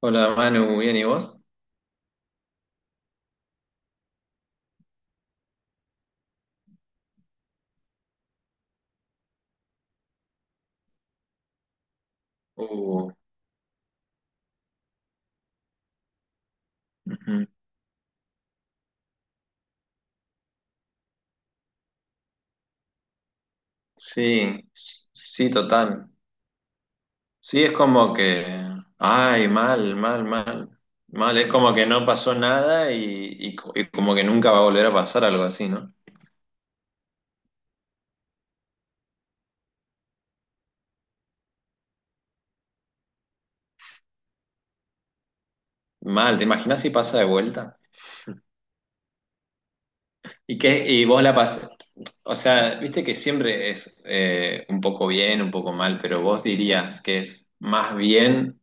Hola Manu, ¿bien y vos? Uh, ujú. Sí, sí, total. Sí, es como que, ay, mal, mal, mal, mal, es como que no pasó nada y como que nunca va a volver a pasar algo así, ¿no? Mal, ¿te imaginas si pasa de vuelta? Y vos la pasás, o sea, viste que siempre es un poco bien, un poco mal, pero vos dirías que es más bien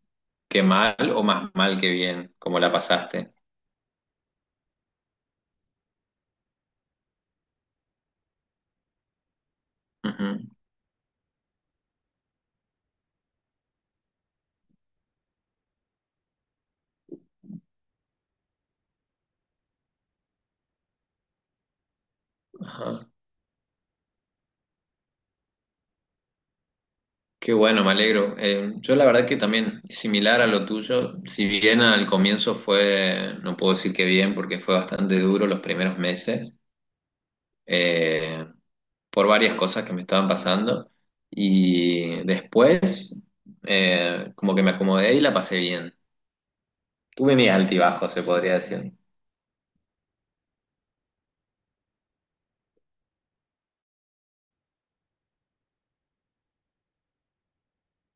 que mal o más mal que bien, como la pasaste. Ujú. Ajá. Qué bueno, me alegro. Yo la verdad que también, similar a lo tuyo, si bien al comienzo fue, no puedo decir que bien, porque fue bastante duro los primeros meses, eh, por varias cosas que me estaban pasando, y después como que me acomodé y la pasé bien. Tuve mis altibajos, se podría decir.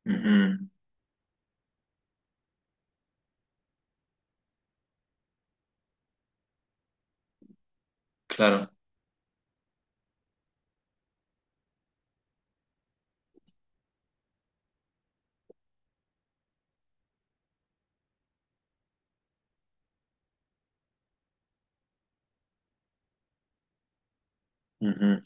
Ujú, claro. Ujú.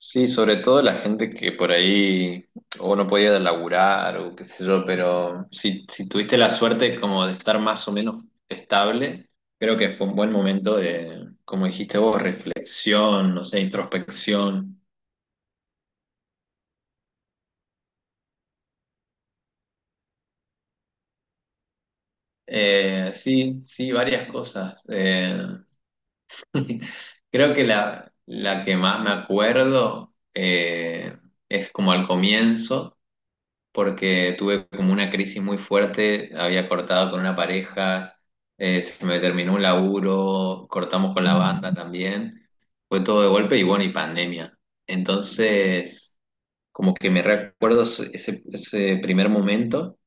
Sí, sobre todo la gente que por ahí o no podía laburar o qué sé yo, pero si tuviste la suerte como de estar más o menos estable, creo que fue un buen momento de, como dijiste vos, reflexión, no sé, introspección. Sí, sí, varias cosas. Creo que la que más me acuerdo es como al comienzo. Porque tuve como una crisis muy fuerte, había cortado con una pareja, se me terminó un laburo, cortamos con la banda también, fue todo de golpe y bueno, y pandemia. Entonces, como que me recuerdo ese primer momento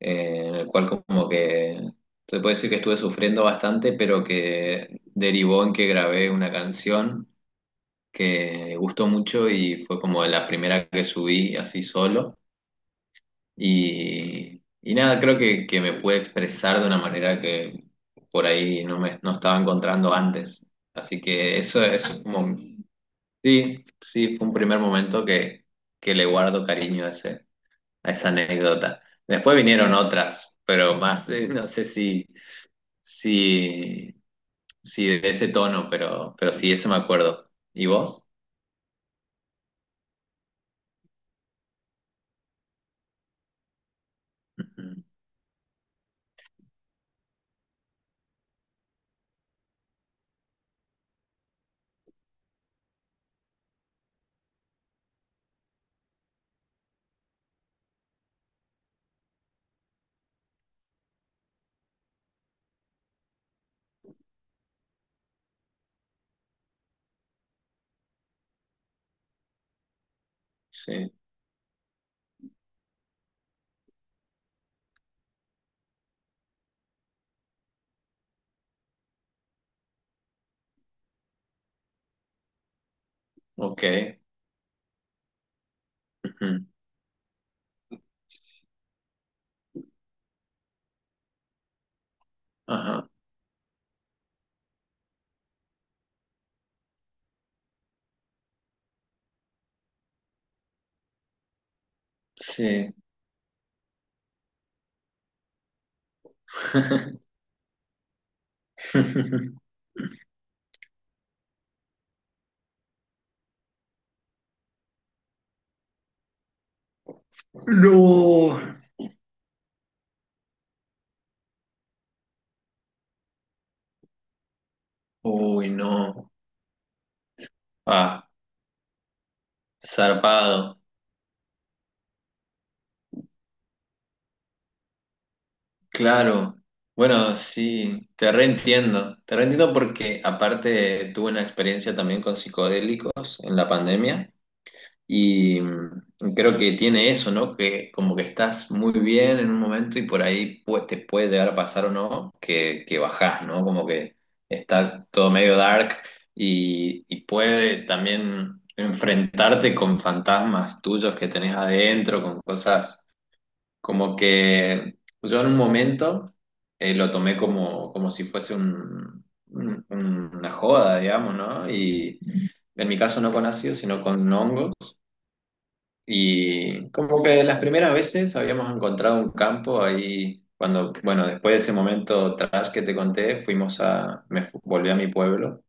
en el cual como que se puede decir que estuve sufriendo bastante, pero que derivó en que grabé una canción que gustó mucho y fue como la primera que subí así solo y nada, creo que me pude expresar de una manera que por ahí no estaba encontrando antes. Así que eso es como, sí, sí, fue un primer momento que le guardo cariño a, ese, a esa anécdota. Después vinieron otras, pero más, no sé si, si, si de ese tono, pero sí, eso me acuerdo. ¿Y vos? Ujú. Sí, ok. Ujú. Ajá, sí. No. Uy, no. Ah, zarpado. Claro. Bueno, sí, te reentiendo. Te reentiendo porque aparte tuve una experiencia también con psicodélicos en la pandemia. Y mm, creo que tiene eso, ¿no? Que como que estás muy bien en un momento y por ahí te puede llegar a pasar o no que, que bajás, ¿no? Como que está todo medio dark y puede también enfrentarte con fantasmas tuyos que tenés adentro, con cosas como que yo en un momento lo tomé como, como si fuese una joda, digamos, ¿no? Y en mi caso no con ácido, sino con hongos. Y como que las primeras veces habíamos encontrado un campo ahí, cuando, bueno, después de ese momento trash que te conté, fuimos a, volví a mi pueblo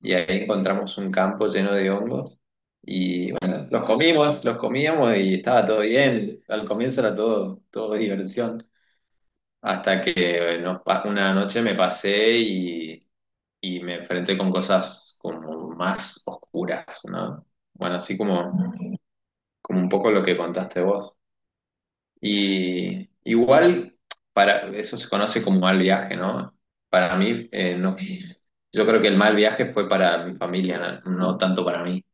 y ahí encontramos un campo lleno de hongos y bueno, los comimos, los comíamos y estaba todo bien. Al comienzo era todo, todo diversión, hasta que una noche me pasé y me enfrenté con cosas como más oscuras, ¿no? Bueno, así como, como un poco lo que contaste vos. Y igual, para, eso se conoce como mal viaje, ¿no? Para mí, no. Yo creo que el mal viaje fue para mi familia, no, no tanto para mí.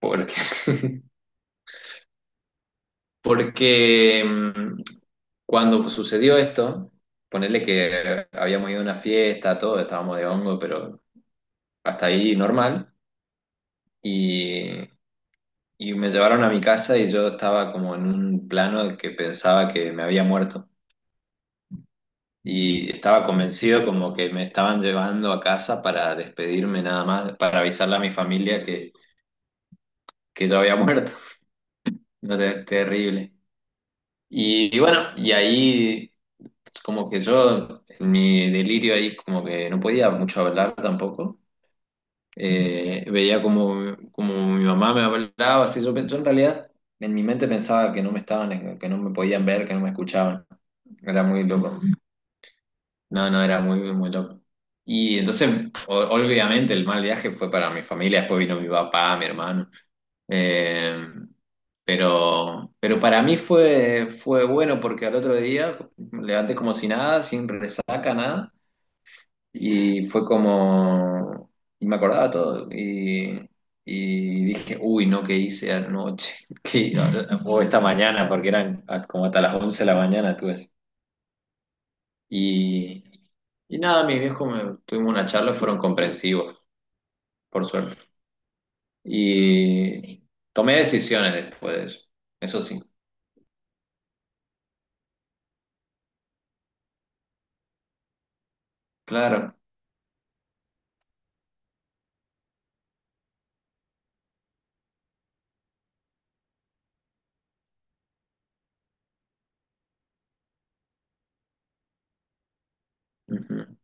Porque, porque mm, cuando sucedió esto, ponerle que habíamos ido a una fiesta, todo, estábamos de hongo, pero hasta ahí normal. Y, y me llevaron a mi casa y yo estaba como en un plano de que pensaba que me había muerto. Y estaba convencido como que me estaban llevando a casa para despedirme nada más, para avisarle a mi familia que yo había muerto. No, terrible. Y bueno, y ahí como que yo, en mi delirio ahí como que no podía mucho hablar tampoco. Veía como, como mi mamá me hablaba, así yo, yo en realidad en mi mente pensaba que no me estaban, que no me podían ver, que no me escuchaban. Era muy loco. No, no, era muy, muy loco. Y entonces, obviamente, el mal viaje fue para mi familia, después vino mi papá, mi hermano. Eh, pero para mí fue, fue bueno porque al otro día me levanté como si nada, sin resaca, nada. Y fue como, y me acordaba todo. Y dije, uy, no, ¿qué hice anoche? ¿Qué- o esta mañana? Porque eran como hasta las 11 de la mañana, tú y, y nada, tuvimos una charla, fueron comprensivos, por suerte. Y tomé decisiones después de eso. Eso sí, claro. Ujú.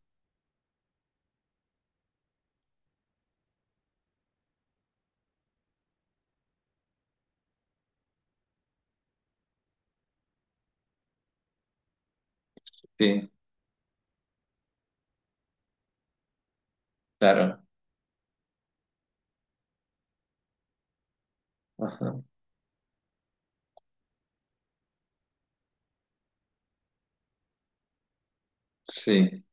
Sí, claro. Ajá. Sí.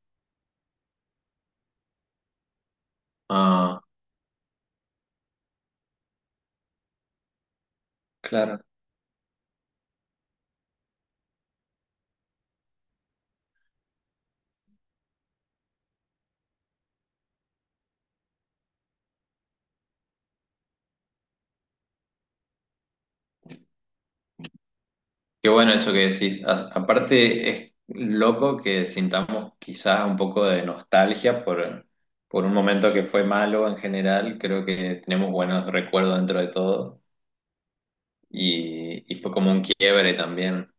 Ah, claro. Qué bueno eso que decís. Aparte, es loco que sintamos quizás un poco de nostalgia por un momento que fue malo en general. Creo que tenemos buenos recuerdos dentro de todo. Y fue como un quiebre también.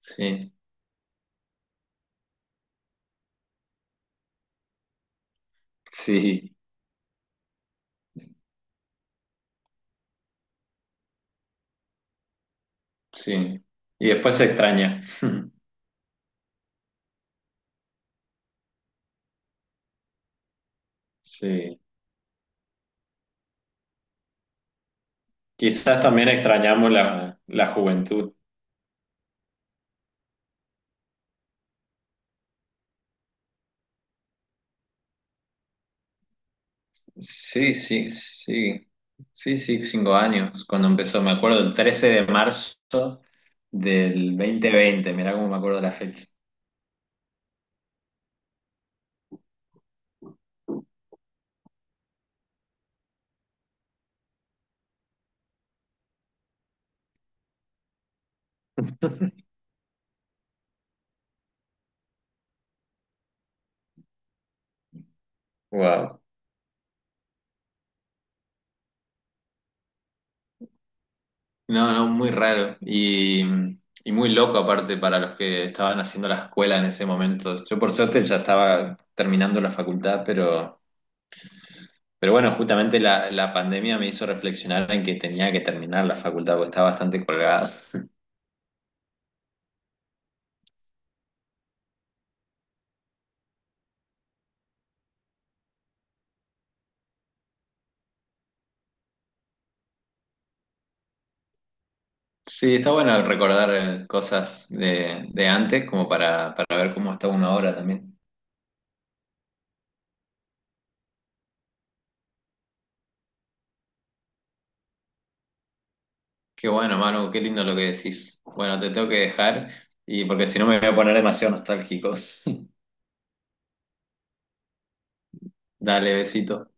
Sí, sí, sí. Y después se extraña. Sí. Quizás también extrañamos la juventud. Sí, sí, sí. Sí, sí, cinco años cuando empezó. Me acuerdo el 13 de marzo del 2020. Mirá cómo me acuerdo la fecha. Wow. No, no, muy raro. Y muy loco aparte para los que estaban haciendo la escuela en ese momento. Yo por suerte ya estaba terminando la facultad, pero... Pero bueno, justamente la pandemia me hizo reflexionar en que tenía que terminar la facultad porque estaba bastante colgada. Sí, está bueno recordar cosas de antes como para ver cómo está uno ahora también. Qué bueno, Manu, qué lindo lo que decís. Bueno, te tengo que dejar y porque si no me voy a poner demasiado nostálgico. Dale, besito.